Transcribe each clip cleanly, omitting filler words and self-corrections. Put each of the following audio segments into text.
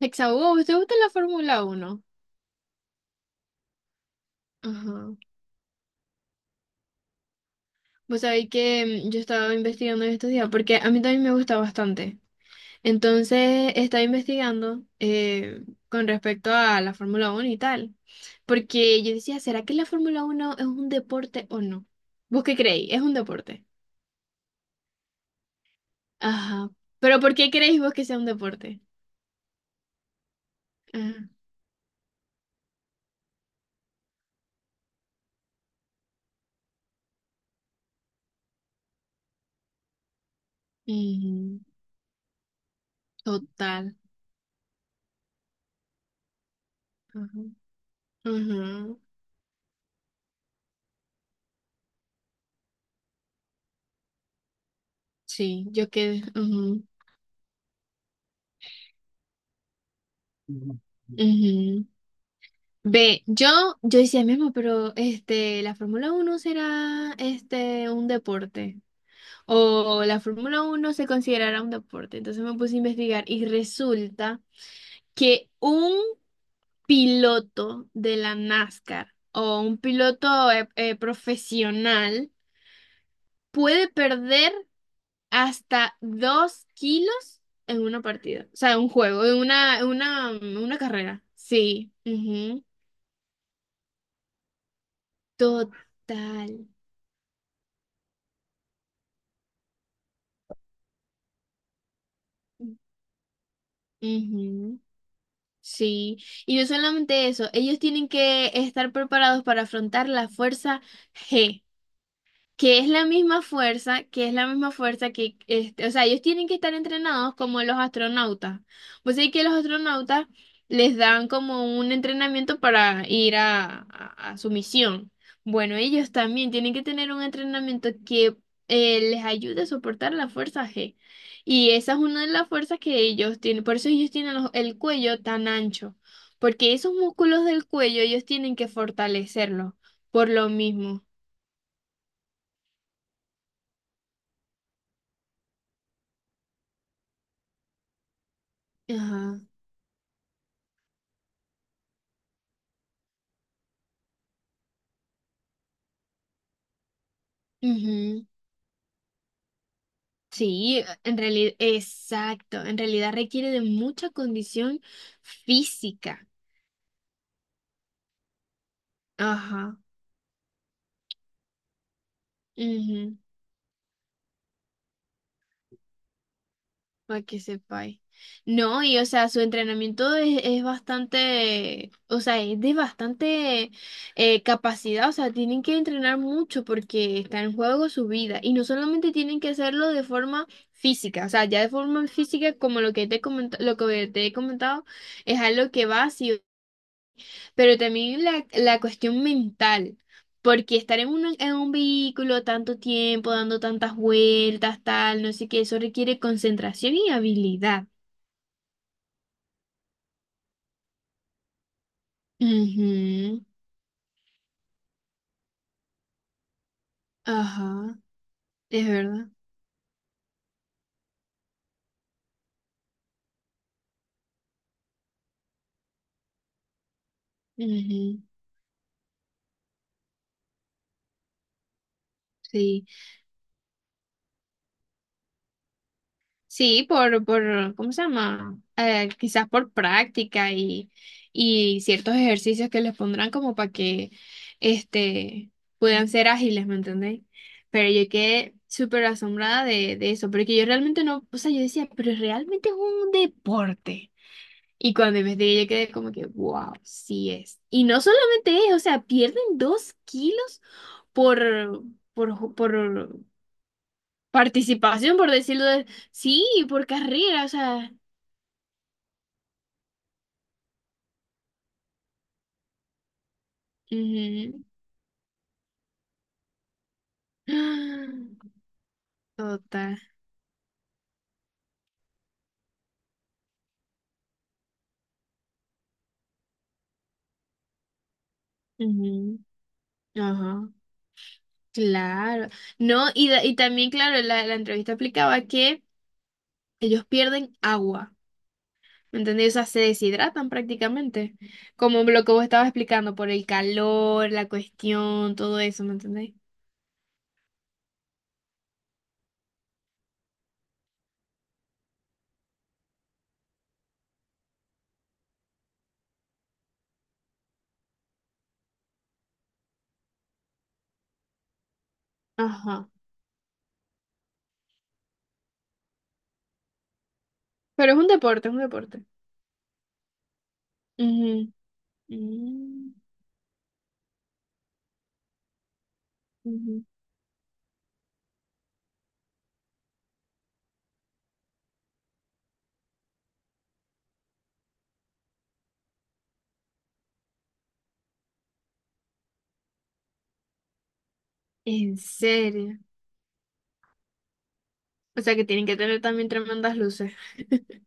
Hexago, ¿usted gusta la Fórmula Uno? Ajá. Pues sabéis que yo estaba investigando en estos días, porque a mí también me gusta bastante. Entonces, estaba investigando con respecto a la Fórmula Uno y tal. Porque yo decía, ¿será que la Fórmula Uno es un deporte o no? ¿Vos qué creéis? ¿Es un deporte? Ajá. ¿Pero por qué creéis vos que sea un deporte? Ajá. Ujú. Total. Ajá. Ujú. Sí, yo quedé. Ujú, ujú. Ve, yo decía mismo, pero este, la Fórmula uno será este un deporte. O la Fórmula uno se considerará un deporte. Entonces me puse a investigar y resulta que un piloto de la NASCAR o un piloto profesional puede perder hasta 2 kilos en una partida. O sea, en un juego, en una carrera. Sí. Ujú. Total. Ujú. Sí, y no solamente eso, ellos tienen que estar preparados para afrontar la fuerza G que es la misma fuerza, que, este, o sea, ellos tienen que estar entrenados como los astronautas. Pues sí que los astronautas les dan como un entrenamiento para ir a, a su misión. Bueno, ellos también tienen que tener un entrenamiento que les ayude a soportar la fuerza G. Y esa es una de las fuerzas que ellos tienen. Por eso ellos tienen el cuello tan ancho. Porque esos músculos del cuello ellos tienen que fortalecerlos por lo mismo. Ajá. Ujú. Sí, en realidad, exacto, en realidad requiere de mucha condición física. Ajá, ujú, para que sepáis. No, y o sea, su entrenamiento es bastante, o sea, es de bastante capacidad, o sea, tienen que entrenar mucho porque está en juego su vida y no solamente tienen que hacerlo de forma física, o sea, ya de forma física como lo que te he comentado, es algo que va sí. Pero también la cuestión mental, porque estar en un, vehículo tanto tiempo, dando tantas vueltas, tal, no sé qué, eso requiere concentración y habilidad. Ujú, ajá, es verdad. Ujú, sí. Sí, ¿cómo se llama? Quizás por práctica y ciertos ejercicios que les pondrán como para que este, puedan ser ágiles, ¿me entendéis? Pero yo quedé súper asombrada de eso, porque yo realmente no, o sea, yo decía, pero realmente es un deporte. Y cuando investigué, yo quedé como que, wow, sí es. Y no solamente es, o sea, pierden 2 kilos por, por Participación, por decirlo de... Sí, por carrera, o sea. Ujú. Total. Ujú. Ajá. Claro. No, y, y también, claro, la entrevista explicaba que ellos pierden agua. ¿Me entendés? O sea, se deshidratan prácticamente. Como lo que vos estabas explicando, por el calor, la cuestión, todo eso, ¿me entendés? Ajá. Pero es un deporte, es un deporte. Ujú. Mm, ujú. ¿En serio? O sea que tienen que tener también tremendas luces.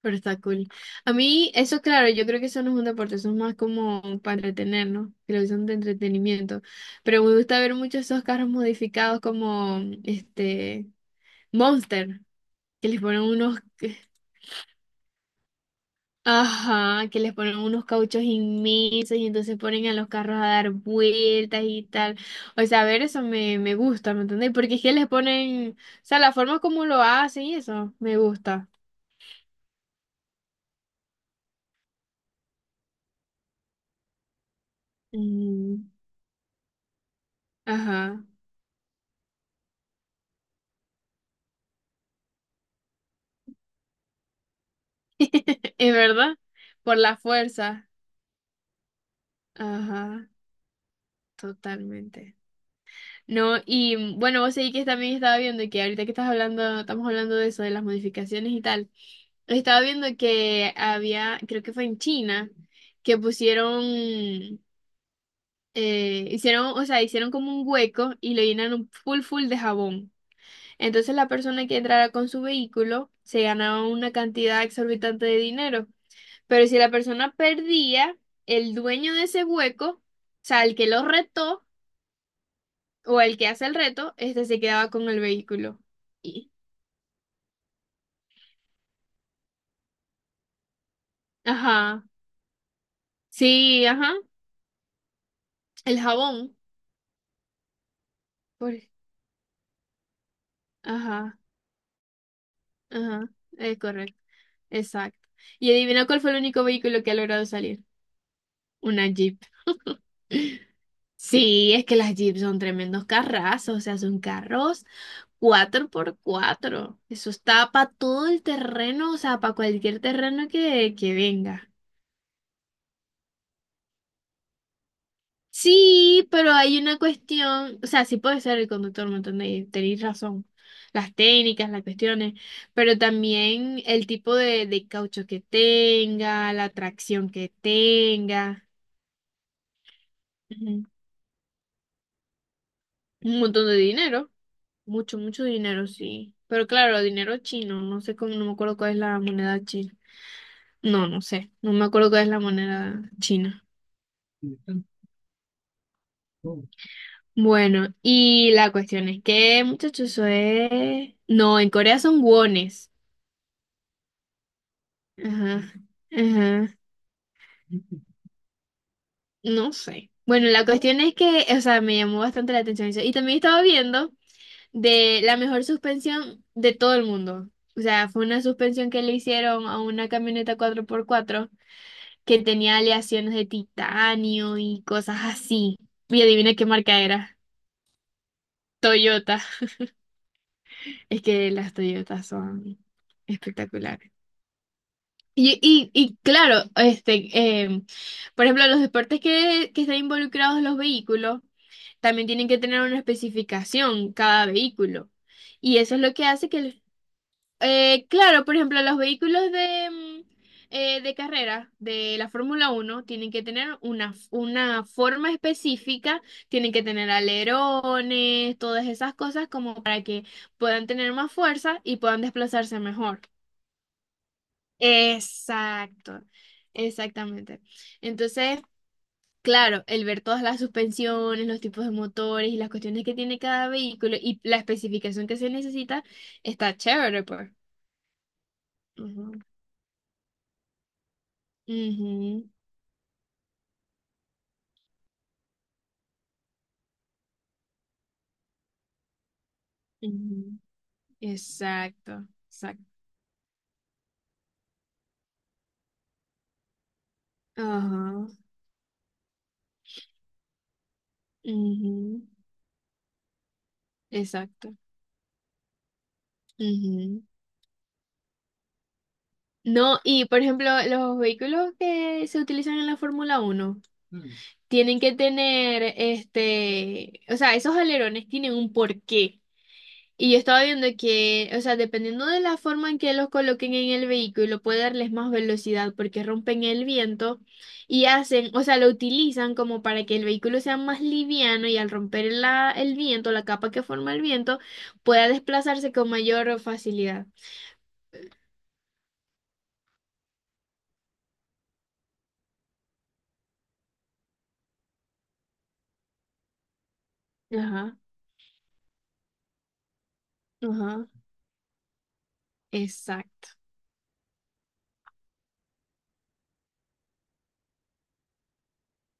Pero está cool. A mí, eso claro, yo creo que eso no es un deporte, eso es más como para entretenernos, televisión de entretenimiento. Pero me gusta ver muchos esos carros modificados como este Monster, que les ponen unos, ajá, que les ponen unos cauchos inmensos y entonces ponen a los carros a dar vueltas y tal. O sea, a ver eso me gusta, ¿me entendéis? Porque es que les ponen, o sea, la forma como lo hacen y eso me gusta. Mm. Ajá, es verdad, por la fuerza. Ajá, totalmente. No, y bueno, vos seguís que también estaba viendo que ahorita que estás hablando, estamos hablando de eso, de las modificaciones y tal. Estaba viendo que había, creo que fue en China, que pusieron, hicieron, o sea, hicieron como un hueco y lo llenaron full full de jabón. Entonces la persona que entrara con su vehículo se ganaba una cantidad exorbitante de dinero. Pero si la persona perdía, el dueño de ese hueco, o sea, el que lo retó o el que hace el reto, este se quedaba con el vehículo. Y, ajá, sí, ajá, el jabón. Por, ajá, ajá, es correcto, exacto. Y adivina cuál fue el único vehículo que ha logrado salir. Una Jeep. Sí, es que las Jeep son tremendos carrazos, o sea, son carros 4x4. Eso está para todo el terreno, o sea, para cualquier terreno que venga. Sí, pero hay una cuestión, o sea, sí puede ser el conductor, ¿me entendéis? Tenéis razón. Las técnicas, las cuestiones, pero también el tipo de caucho que tenga, la tracción que tenga. Ujú. Un montón de dinero. Mucho, mucho dinero, sí. Pero claro, dinero chino, no sé cómo, no me acuerdo cuál es la moneda china. No, no sé, no me acuerdo cuál es la moneda china. Bueno, y la cuestión es que, muchachos, eso es... No, en Corea son wones. Ajá, ajá, no sé. Bueno, la cuestión es que, o sea, me llamó bastante la atención eso. Y también estaba viendo de la mejor suspensión de todo el mundo. O sea, fue una suspensión que le hicieron a una camioneta 4x4 que tenía aleaciones de titanio y cosas así. Y adivina qué marca era. Toyota. Es que las Toyotas son espectaculares. Y claro, este, em, por ejemplo, los deportes que están involucrados los vehículos también tienen que tener una especificación cada vehículo. Y eso es lo que hace que el... Claro, por ejemplo, los vehículos de carrera de la Fórmula uno tienen que tener una forma específica, tienen que tener alerones, todas esas cosas como para que puedan tener más fuerza y puedan desplazarse mejor. Exacto, exactamente. Entonces, claro, el ver todas las suspensiones, los tipos de motores y las cuestiones que tiene cada vehículo y la especificación que se necesita está chévere, pues. Ujú. Ujú. Ujú. Exacto, exacto. Ajá. Ujú. Exacto. Ujú. No, y por ejemplo, los vehículos que se utilizan en la Fórmula uno tienen que tener, este, o sea, esos alerones tienen un porqué. Y yo estaba viendo que, o sea, dependiendo de la forma en que los coloquen en el vehículo, puede darles más velocidad porque rompen el viento y hacen, o sea, lo utilizan como para que el vehículo sea más liviano y al romper la, el viento, la capa que forma el viento, pueda desplazarse con mayor facilidad. Ajá, ajá, exacto.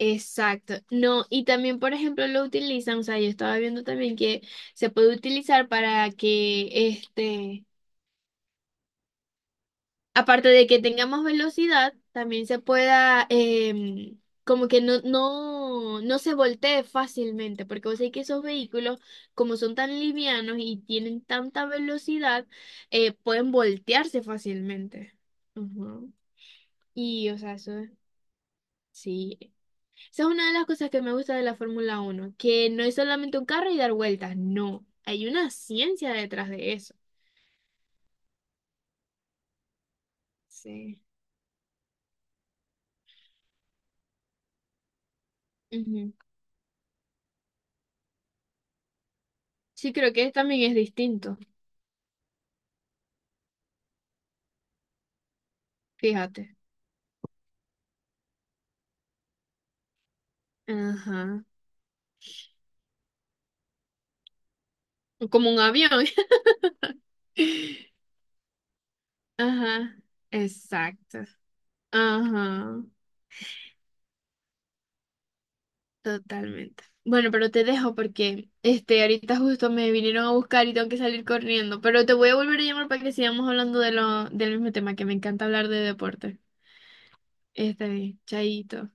Exacto. No, y también, por ejemplo, lo utilizan, o sea, yo estaba viendo también que se puede utilizar para que este aparte de que tengamos velocidad, también se pueda, como que no se voltee fácilmente, porque vos sabés que esos vehículos, como son tan livianos y tienen tanta velocidad, pueden voltearse fácilmente. Ujú. Y, o sea, eso es... Sí, esa es una de las cosas que me gusta de la Fórmula Uno, que no es solamente un carro y dar vueltas, no, hay una ciencia detrás de eso. Sí. Ujú. Sí, creo que también es distinto, fíjate. Ajá. Como un avión. Ajá. Exacto. Ajá. Totalmente. Bueno, pero te dejo porque este ahorita justo me vinieron a buscar y tengo que salir corriendo. Pero te voy a volver a llamar para que sigamos hablando de lo, del mismo tema, que me encanta hablar de deporte. Está bien, chaito.